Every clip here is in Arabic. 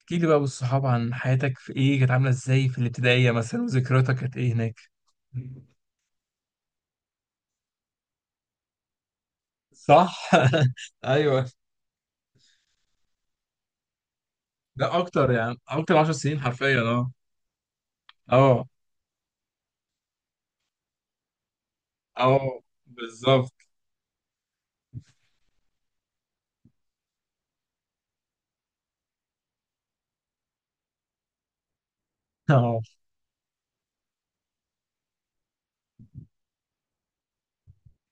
احكي لي بقى بالصحاب عن حياتك في ايه كانت عامله ازاي في الابتدائيه مثلا وذكرياتك كانت ايه هناك؟ صح. ايوه. ده اكتر، يعني اكتر 10 سنين حرفيا. اه، اه، اه، بالظبط. اه.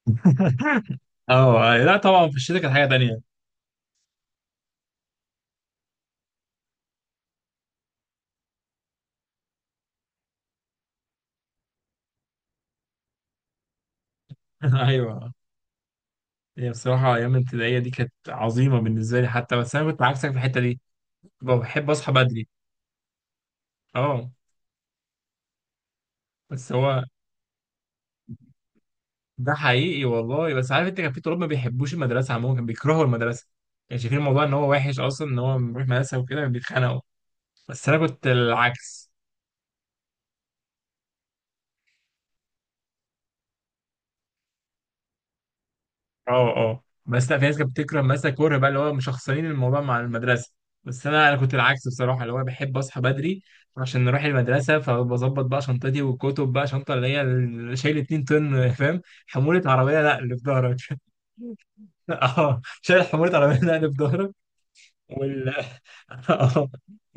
اه، أيوة. لا طبعا في الشتاء كانت حاجه تانية. ايوه. هي بصراحه ايام الابتدائيه دي كانت عظيمه بالنسبه لي حتى، بس انا كنت عكسك في الحته دي. كنت بحب اصحى بدري. اه. بس هو ده حقيقي والله. بس عارف انت، كان في طلاب ما بيحبوش المدرسه عموما، كانوا بيكرهوا المدرسه. كانوا شايفين الموضوع ان هو وحش اصلا، ان هو بيروح مدرسه وكده بيتخانقوا. بس انا كنت العكس. اه، اه، بس لا، في ناس كانت بتكره مثلا، كره بقى اللي هو مشخصنين الموضوع مع المدرسه. بس انا كنت العكس بصراحه، اللي هو بحب اصحى بدري عشان نروح المدرسه. فبظبط بقى شنطتي والكتب بقى شنطه اللي هي شايل 2 طن فاهم. حموله عربيه، لا اللي في ظهرك. اه، شايل حموله عربيه، لا اللي في ظهرك. وال آه.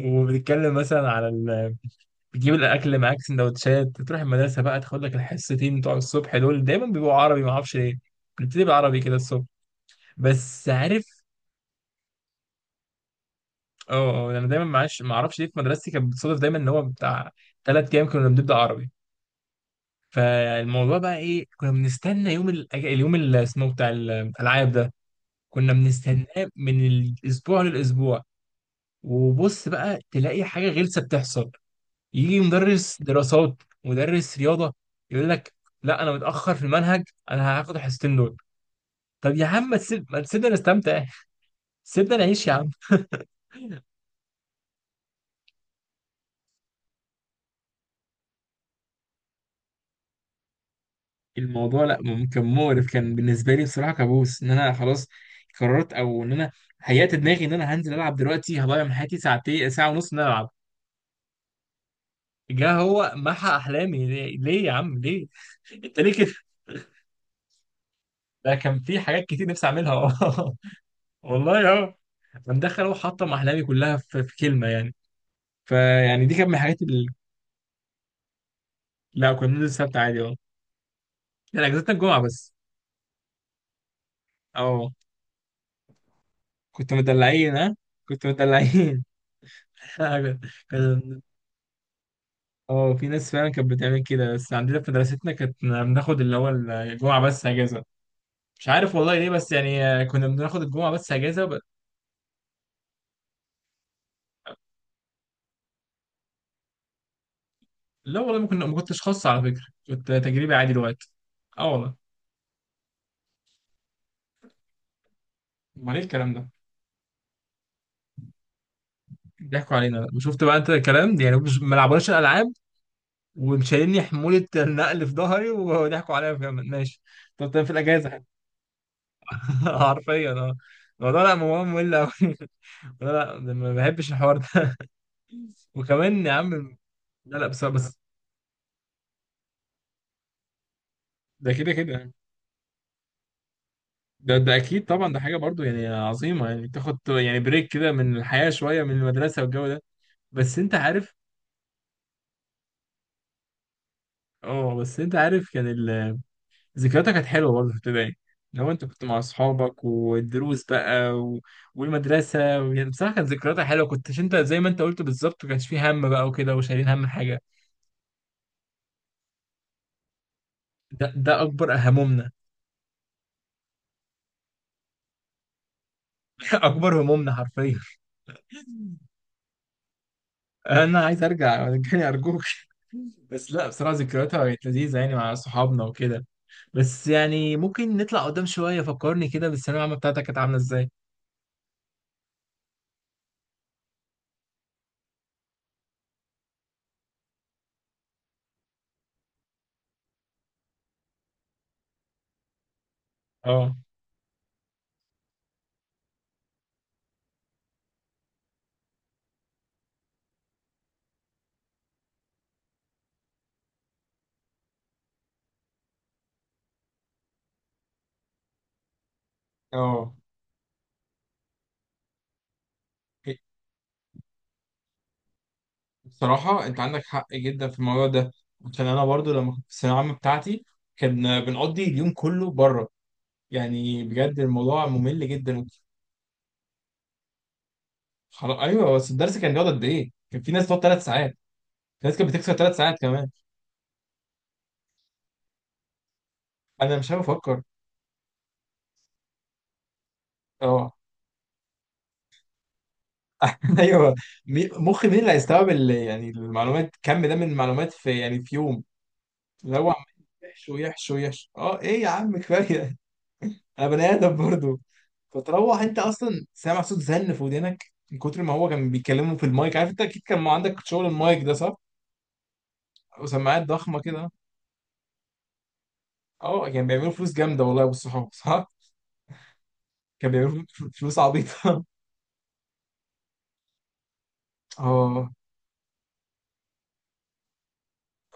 وبتتكلم مثلا على ال... بتجيب الاكل معاك سندوتشات، تروح المدرسه بقى، تاخد لك الحصتين بتوع الصبح دول، دايما بيبقوا عربي ما اعرفش ليه. بنبتدي بالعربي كده الصبح. بس عارف، اه، اه، انا دايما معاش ما اعرفش ليه، في مدرستي كانت بتصادف دايما ان هو بتاع 3 ايام كنا بنبدا عربي. فالموضوع بقى ايه، كنا بنستنى يوم اليوم اللي اسمه إيه بتاع الالعاب ده. كنا بنستناه من الاسبوع للاسبوع. وبص بقى تلاقي حاجه غلسه بتحصل. يجي مدرس دراسات، مدرس رياضه، يقول لك لا، انا متاخر في المنهج، انا هاخد الحصتين دول. طب يا عم، ما تسيبنا نستمتع. سيبنا نعيش يا عم. الموضوع لا، كان مقرف، كان بالنسبه لي بصراحه كابوس، ان انا خلاص قررت، او ان انا هيأت دماغي ان انا هنزل العب دلوقتي، هضيع من حياتي ساعتين، ساعه ونص، ان انا العب. جه هو محى احلامي، ليه، ليه يا عم، ليه؟ انت ليه كده؟ ده كان في حاجات كتير نفسي اعملها. والله اه. كان دخل هو حطم احلامي كلها في كلمه يعني. فيعني دي كانت من الحاجات اللي... لا، كنا بننزل السبت عادي، اه. لا، اجازتنا الجمعه بس. اه، كنت مدلعين ها. كنت مدلعين. كان، اه، في ناس فعلا كانت بتعمل كده، بس عندنا في مدرستنا كانت بناخد اللي هو الجمعه بس اجازه. مش عارف والله ليه، بس يعني كنا بناخد الجمعه بس اجازه ب... لا والله، ما كنتش خاص على فكره، كنت تجريبي عادي دلوقتي. اه والله. امال ايه الكلام ده؟ بيضحكوا علينا، وشفت بقى انت الكلام ده، يعني مش ما لعبوناش الالعاب ومشايلني حمولة النقل في ظهري وضحكوا عليا كمان، ماشي. طب ده في الأجازة حتى. حرفيا اه. الموضوع لا مهم، ممل أوي. لا، لا، ده ما بحبش الحوار ده. وكمان يا عم، لا، لا، بس بس ده كده كده يعني. ده أكيد طبعا، ده حاجة برضو يعني عظيمة، يعني تاخد يعني بريك كده من الحياة شوية، من المدرسة والجو ده. بس أنت عارف، اه، بس أنت عارف كان يعني ذكرياتها كانت حلوه برضه في ابتدائي. لو انت كنت مع اصحابك والدروس بقى و... والمدرسه، يعني بصراحه كانت ذكرياتها حلوه، كنتش انت زي ما انت قلت بالظبط ما كانش فيه هم بقى وكده وشايلين هم حاجه. ده اكبر همومنا. اكبر همومنا حرفيا. انا عايز ارجع، رجعني ارجوك. بس لا، بصراحه ذكرياتها كانت لذيذه يعني مع صحابنا وكده. بس يعني ممكن نطلع قدام شويه، فكرني كده بالثانويه العامه بتاعتك كانت عامله ازاي؟ اه، اه. بصراحة أنت عندك حق جدا في الموضوع ده، عشان أنا برضو لما كنت في الثانوية العامة بتاعتي كان بنقضي اليوم كله بره. يعني بجد الموضوع ممل جدا. خلاص أيوه، بس الدرس كان بيقعد قد إيه؟ كان في ناس بتقعد 3 ساعات، في ناس كانت بتكسر 3 ساعات كمان. أنا مش عارف أفكر. أه. أيوه. مخي، مين اللي هيستوعب يعني المعلومات، كم ده من المعلومات في يوم. اللي هو عمال يحشو يحشو يحشو. أه إيه يا عم، كفاية، انا بني ادم برضه. فتروح انت اصلا سامع صوت زن في ودنك من كتر ما هو كان بيتكلموا في المايك، عارف انت اكيد كان ما عندك شغل المايك ده صح؟ وسماعات ضخمه كده. اه، كان بيعملوا فلوس جامده والله يا ابو الصحاب، صح؟ كان بيعملوا فلوس عبيطه. اه،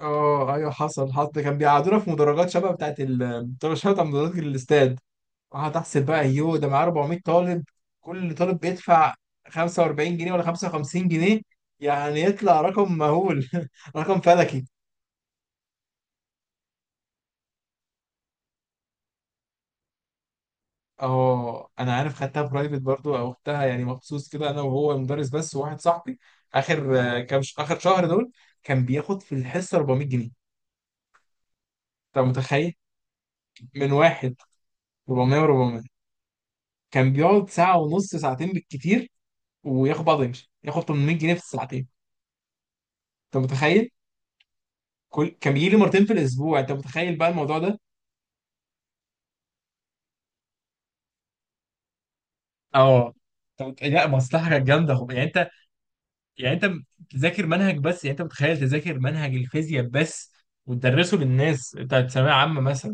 اه، ايوه، حصل، حصل، ده كان بيقعدونا في مدرجات شبه بتاعت، ال طب شبه بتاع مدرجات الاستاد. قعدت احسب بقى، يوه ده معاه 400 طالب، كل طالب بيدفع 45 جنيه ولا 55 جنيه، يعني يطلع رقم مهول. رقم فلكي. اه، انا عارف خدتها برايفت برضو او اختها، يعني مخصوص كده انا وهو مدرس بس وواحد صاحبي. اخر آه، كام ش... اخر شهر دول كان بياخد في الحصه 400 جنيه. انت متخيل، من واحد، 400. و400. كان بيقعد ساعه ونص، ساعتين بالكتير، وياخد بعضه يمشي، ياخد 800 جنيه في الساعتين. انت متخيل. كان بيجي لي مرتين في الاسبوع، انت متخيل بقى الموضوع ده؟ اه. طب لا، مصلحة كانت جامدة، يعني انت، يعني انت بتذاكر منهج بس، يعني انت متخيل تذاكر منهج الفيزياء بس وتدرسه للناس بتاعت ثانويه عامه مثلا،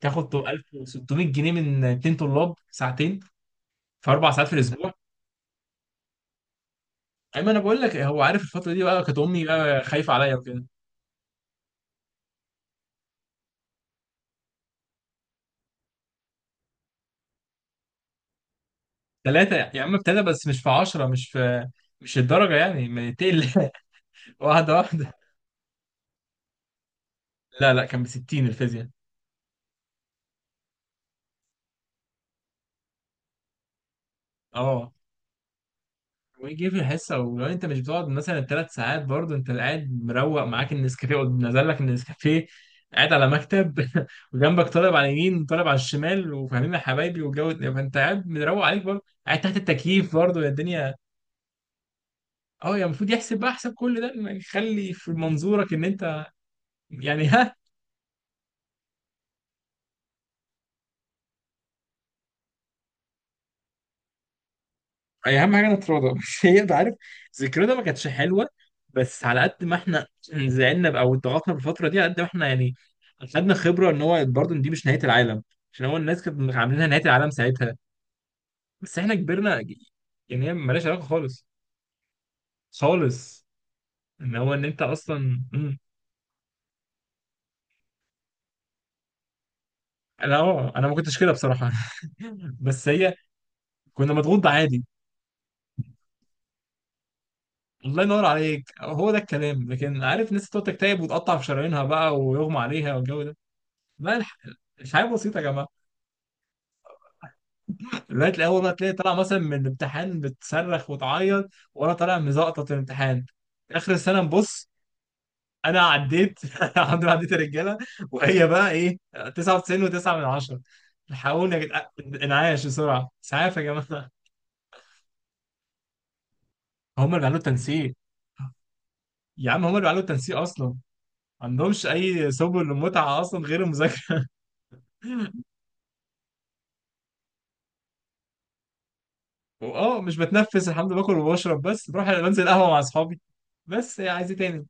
تاخد 1600 جنيه من 2 طلاب ساعتين، في 4 ساعات في الاسبوع. اما انا بقول لك، هو عارف الفتره دي بقى كانت امي بقى خايفه عليا وكده. ثلاثه يا عم ابتدى، بس مش في 10، مش الدرجه يعني، ما تقل. واحده واحده. لا، لا، كان ب 60 الفيزياء. اه، ويجي في الحصه، ولو انت مش بتقعد مثلا ثلاث ساعات برضه، انت قاعد مروق، معاك النسكافيه، نزل لك النسكافيه، قاعد على مكتب. وجنبك طالب على اليمين، طالب على الشمال، وفاهمين يا حبايبي والجو ده، فانت قاعد مروق عليك برضه، قاعد تحت التكييف برضه يا الدنيا. اه، يا المفروض يحسب بقى حساب كل ده، ما يخلي في منظورك ان انت يعني. أي، اهم حاجه نتراضى. بس هي، انت عارف، ذكرنا ما كانتش حلوه، بس على قد ما احنا زعلنا، او اتضغطنا بالفتره دي، على قد ما احنا يعني خدنا خبره ان هو برضه إن دي مش نهايه العالم، عشان هو الناس كانت عاملينها نهايه العالم ساعتها. بس احنا كبرنا، يعني هي مالهاش علاقه خالص. خالص ان هو ان انت اصلا. انا ما كنتش كده بصراحه. بس هي كنا مضغوط عادي. الله ينور عليك، هو ده الكلام. لكن عارف الناس تقعد تكتئب وتقطع في شرايينها بقى ويغمى عليها والجو ده، بقى مش حاجه بسيطه يا جماعه. لغايه الاول بقى تلاقي طالع مثلا من الامتحان بتصرخ وتعيط، وانا طالع مزقطط الامتحان، اخر السنه نبص، انا عديت. الحمد لله، عديت الرجاله. وهي بقى ايه، 99 و9 من 10؟ الحقوني يا جدعان، انعاش بسرعه، اسعاف يا جماعه. هم اللي بيعملوا التنسيق، يا عم هم اللي بيعملوا التنسيق، اصلا ما عندهمش اي سبل للمتعه اصلا غير المذاكره. واه، مش بتنفس، الحمد لله باكل وبشرب، بس بروح بنزل قهوه مع اصحابي، بس إيه، عايز ايه تاني؟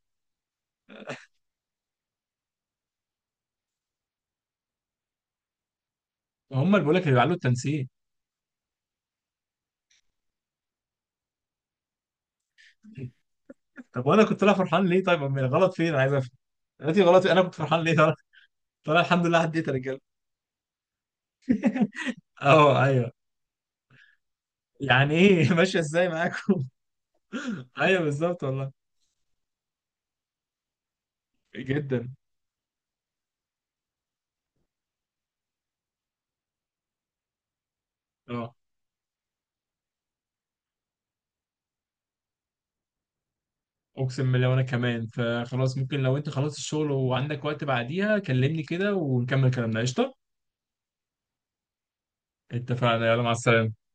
هم اللي بيقول لك اللي بيعملوا التنسيق. طب وانا كنت طالع فرحان ليه طيب؟ امال غلط فين، انا عايز افهم دلوقتي، غلط انا كنت فرحان ليه طالع؟ طالع الحمد لله عديت يا رجاله. اه، ايوه. يعني ايه؟ ماشيه ازاي معاكم؟ ايوه بالظبط والله. جدا. اه، اقسم بالله وانا كمان. فخلاص، ممكن لو انت خلصت الشغل وعندك وقت بعديها كلمني كده ونكمل كلامنا، قشطه. اتفقنا، يلا مع السلامه.